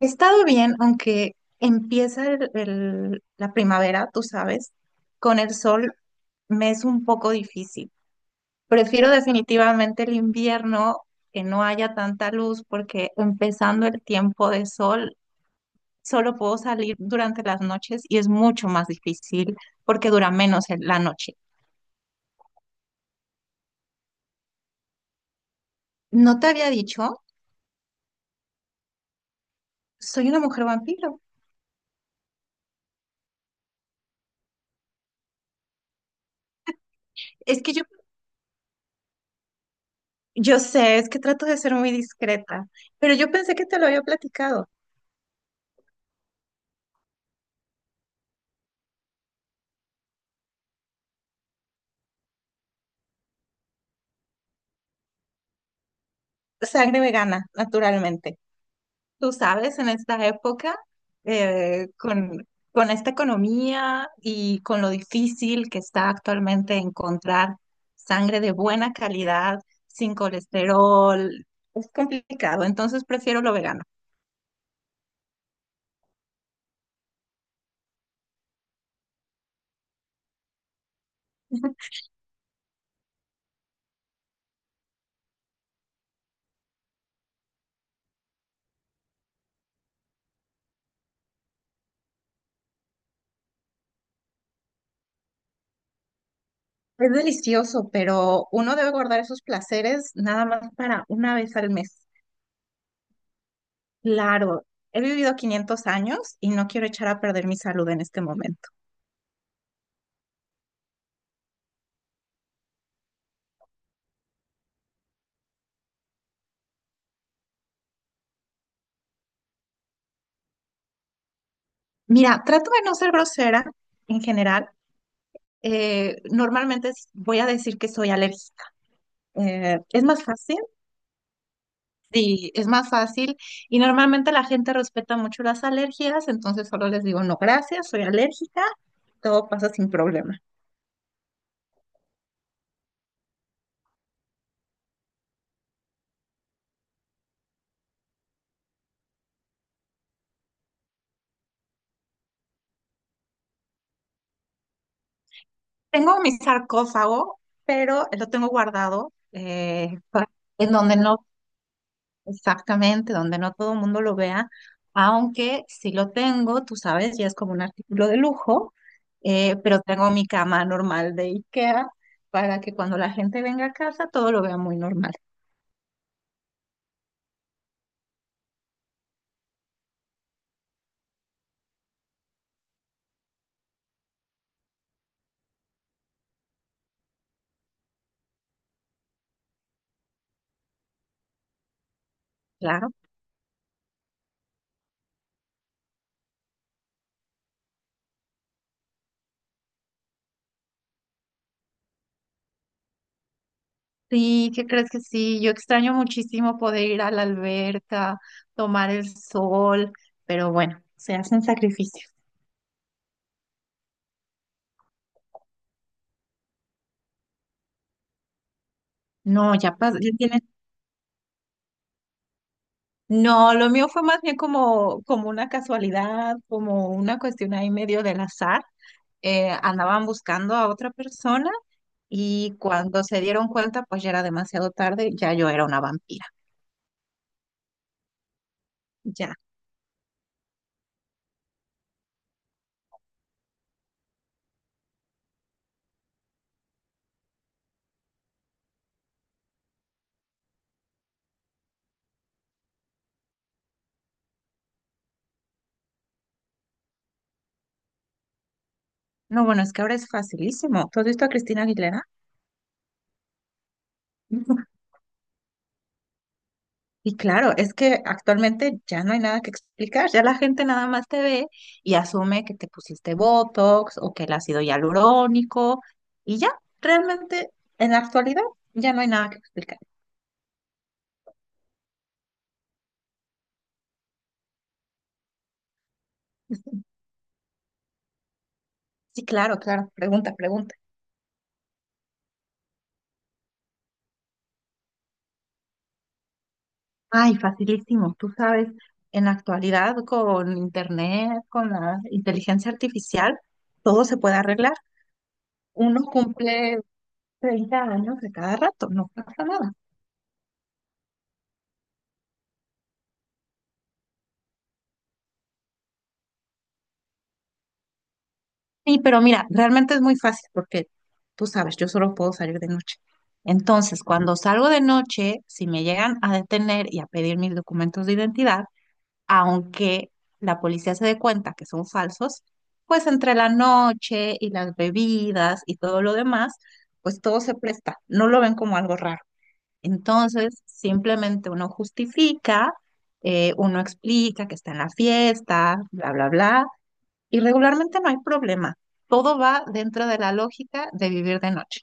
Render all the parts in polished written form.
He estado bien, aunque empieza la primavera, tú sabes, con el sol me es un poco difícil. Prefiero definitivamente el invierno, que no haya tanta luz, porque empezando el tiempo de sol, solo puedo salir durante las noches y es mucho más difícil porque dura menos la noche. ¿No te había dicho? Soy una mujer vampiro. Es que yo sé, es que trato de ser muy discreta, pero yo pensé que te lo había platicado. Sangre vegana, naturalmente. Tú sabes, en esta época, eh, con, con esta economía y con lo difícil que está actualmente encontrar sangre de buena calidad, sin colesterol, es complicado, entonces prefiero lo vegano. Es delicioso, pero uno debe guardar esos placeres nada más para una vez al mes. Claro, he vivido 500 años y no quiero echar a perder mi salud en este momento. Mira, trato de no ser grosera en general, normalmente voy a decir que soy alérgica. Es más fácil, sí, es más fácil. Y normalmente la gente respeta mucho las alergias, entonces solo les digo, no, gracias, soy alérgica, todo pasa sin problema. Tengo mi sarcófago, pero lo tengo guardado, pa- en donde no Exactamente, donde no todo el mundo lo vea, aunque si lo tengo, tú sabes, ya es como un artículo de lujo, pero tengo mi cama normal de IKEA para que cuando la gente venga a casa todo lo vea muy normal, claro. Sí, ¿qué crees que sí? Yo extraño muchísimo poder ir a la alberca, tomar el sol, pero bueno, se hacen sacrificios. No, ya tienen. No, lo mío fue más bien como una casualidad, como una cuestión ahí medio del azar. Eh, andaban buscando a otra persona y cuando se dieron cuenta, pues ya era demasiado tarde, ya yo era una vampira. Ya. No, bueno, es que ahora es facilísimo. ¿Tú has visto a Cristina Aguilera? Y claro, es que actualmente ya no hay nada que explicar, ya la gente nada más te ve y asume que te pusiste Botox o que el ácido hialurónico, y ya, realmente en la actualidad ya no hay nada que explicar. Sí, claro, claro, pregunta, pregunta. Ay, facilísimo. Tú sabes, en la actualidad con internet, con la inteligencia artificial, todo se puede arreglar. Uno cumple 30 años de cada rato, no pasa nada. Sí, pero mira, realmente es muy fácil porque tú sabes, yo solo puedo salir de noche. Entonces, cuando salgo de noche, si me llegan a detener y a pedir mis documentos de identidad, aunque la policía se dé cuenta que son falsos, pues entre la noche y las bebidas y todo lo demás, pues todo se presta, no lo ven como algo raro. Entonces, simplemente uno justifica, uno explica que está en la fiesta, bla, bla, bla, y regularmente no hay problema. Todo va dentro de la lógica de vivir de noche.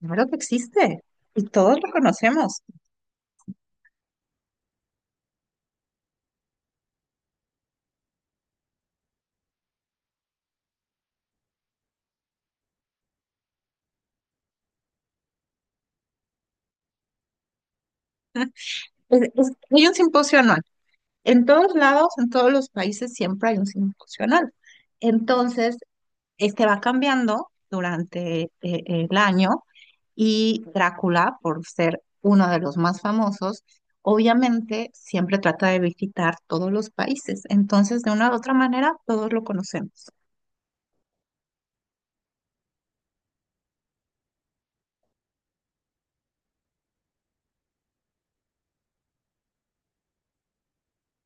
Claro que existe y todos lo conocemos. Es- hay un simposio anual. En todos lados, en todos los países, siempre hay un signo funcional. Entonces, este va cambiando durante el año, y Drácula, por ser uno de los más famosos, obviamente siempre trata de visitar todos los países. Entonces, de una u otra manera, todos lo conocemos.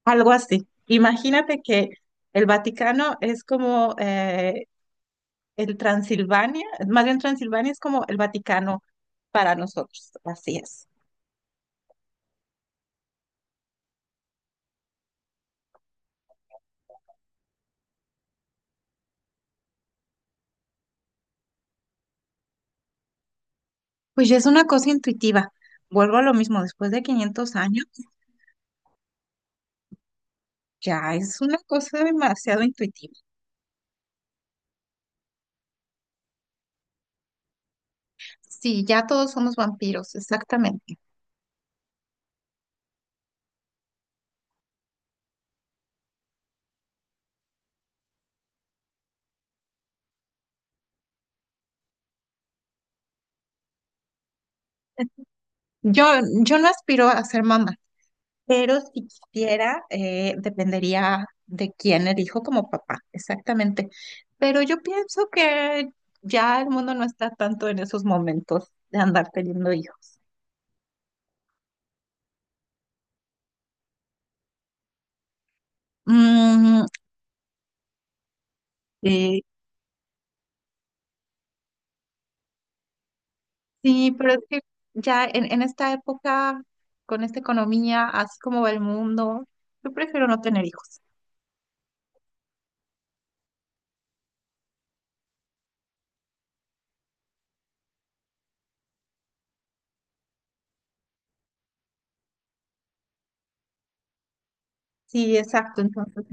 Algo así. Imagínate que el Vaticano es como El Transilvania, más bien Transilvania es como el Vaticano para nosotros, así es. Pues ya es una cosa intuitiva. Vuelvo a lo mismo, después de 500 años, ya es una cosa demasiado intuitiva. Sí, ya todos somos vampiros, exactamente. Yo, yo no aspiro a ser mamá, pero si quisiera, dependería de quién elijo como papá, exactamente. Pero yo pienso que ya el mundo no está tanto en esos momentos de andar teniendo hijos. Mm, eh, sí, pero es que ya en esta época, con esta economía, así como va el mundo, yo prefiero no tener hijos. Sí, exacto. Entonces,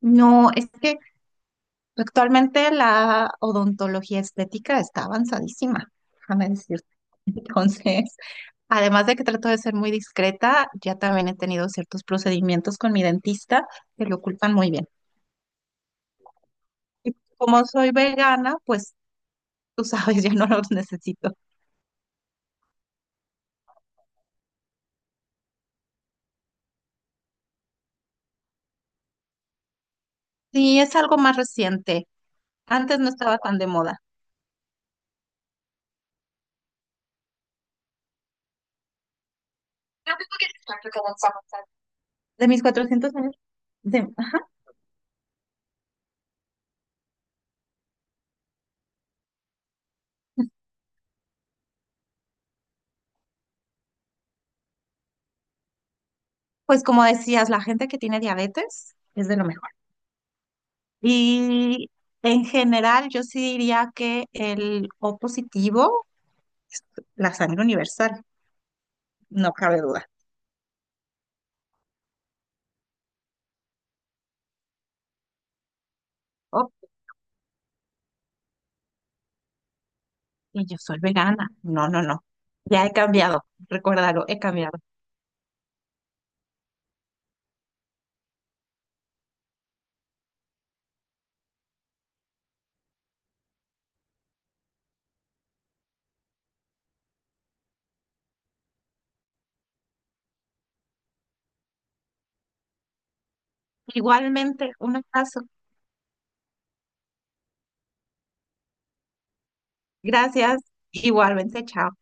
no, es que actualmente la odontología estética está avanzadísima, déjame decirte. Entonces, además de que trato de ser muy discreta, ya también he tenido ciertos procedimientos con mi dentista que lo ocultan muy bien. Y como soy vegana, pues tú sabes, ya no los necesito. Sí, es algo más reciente. Antes no estaba tan de moda. ¿Cuánto queda en sábado? De mis 400 años, de- ajá. Pues como decías, la gente que tiene diabetes es de lo mejor. Y en general, yo sí diría que el O positivo es la sangre universal, no cabe duda. Oh, y yo soy vegana. No, no, no. Ya he cambiado, recuérdalo, he cambiado. Igualmente, un abrazo. Gracias. Igualmente, chao.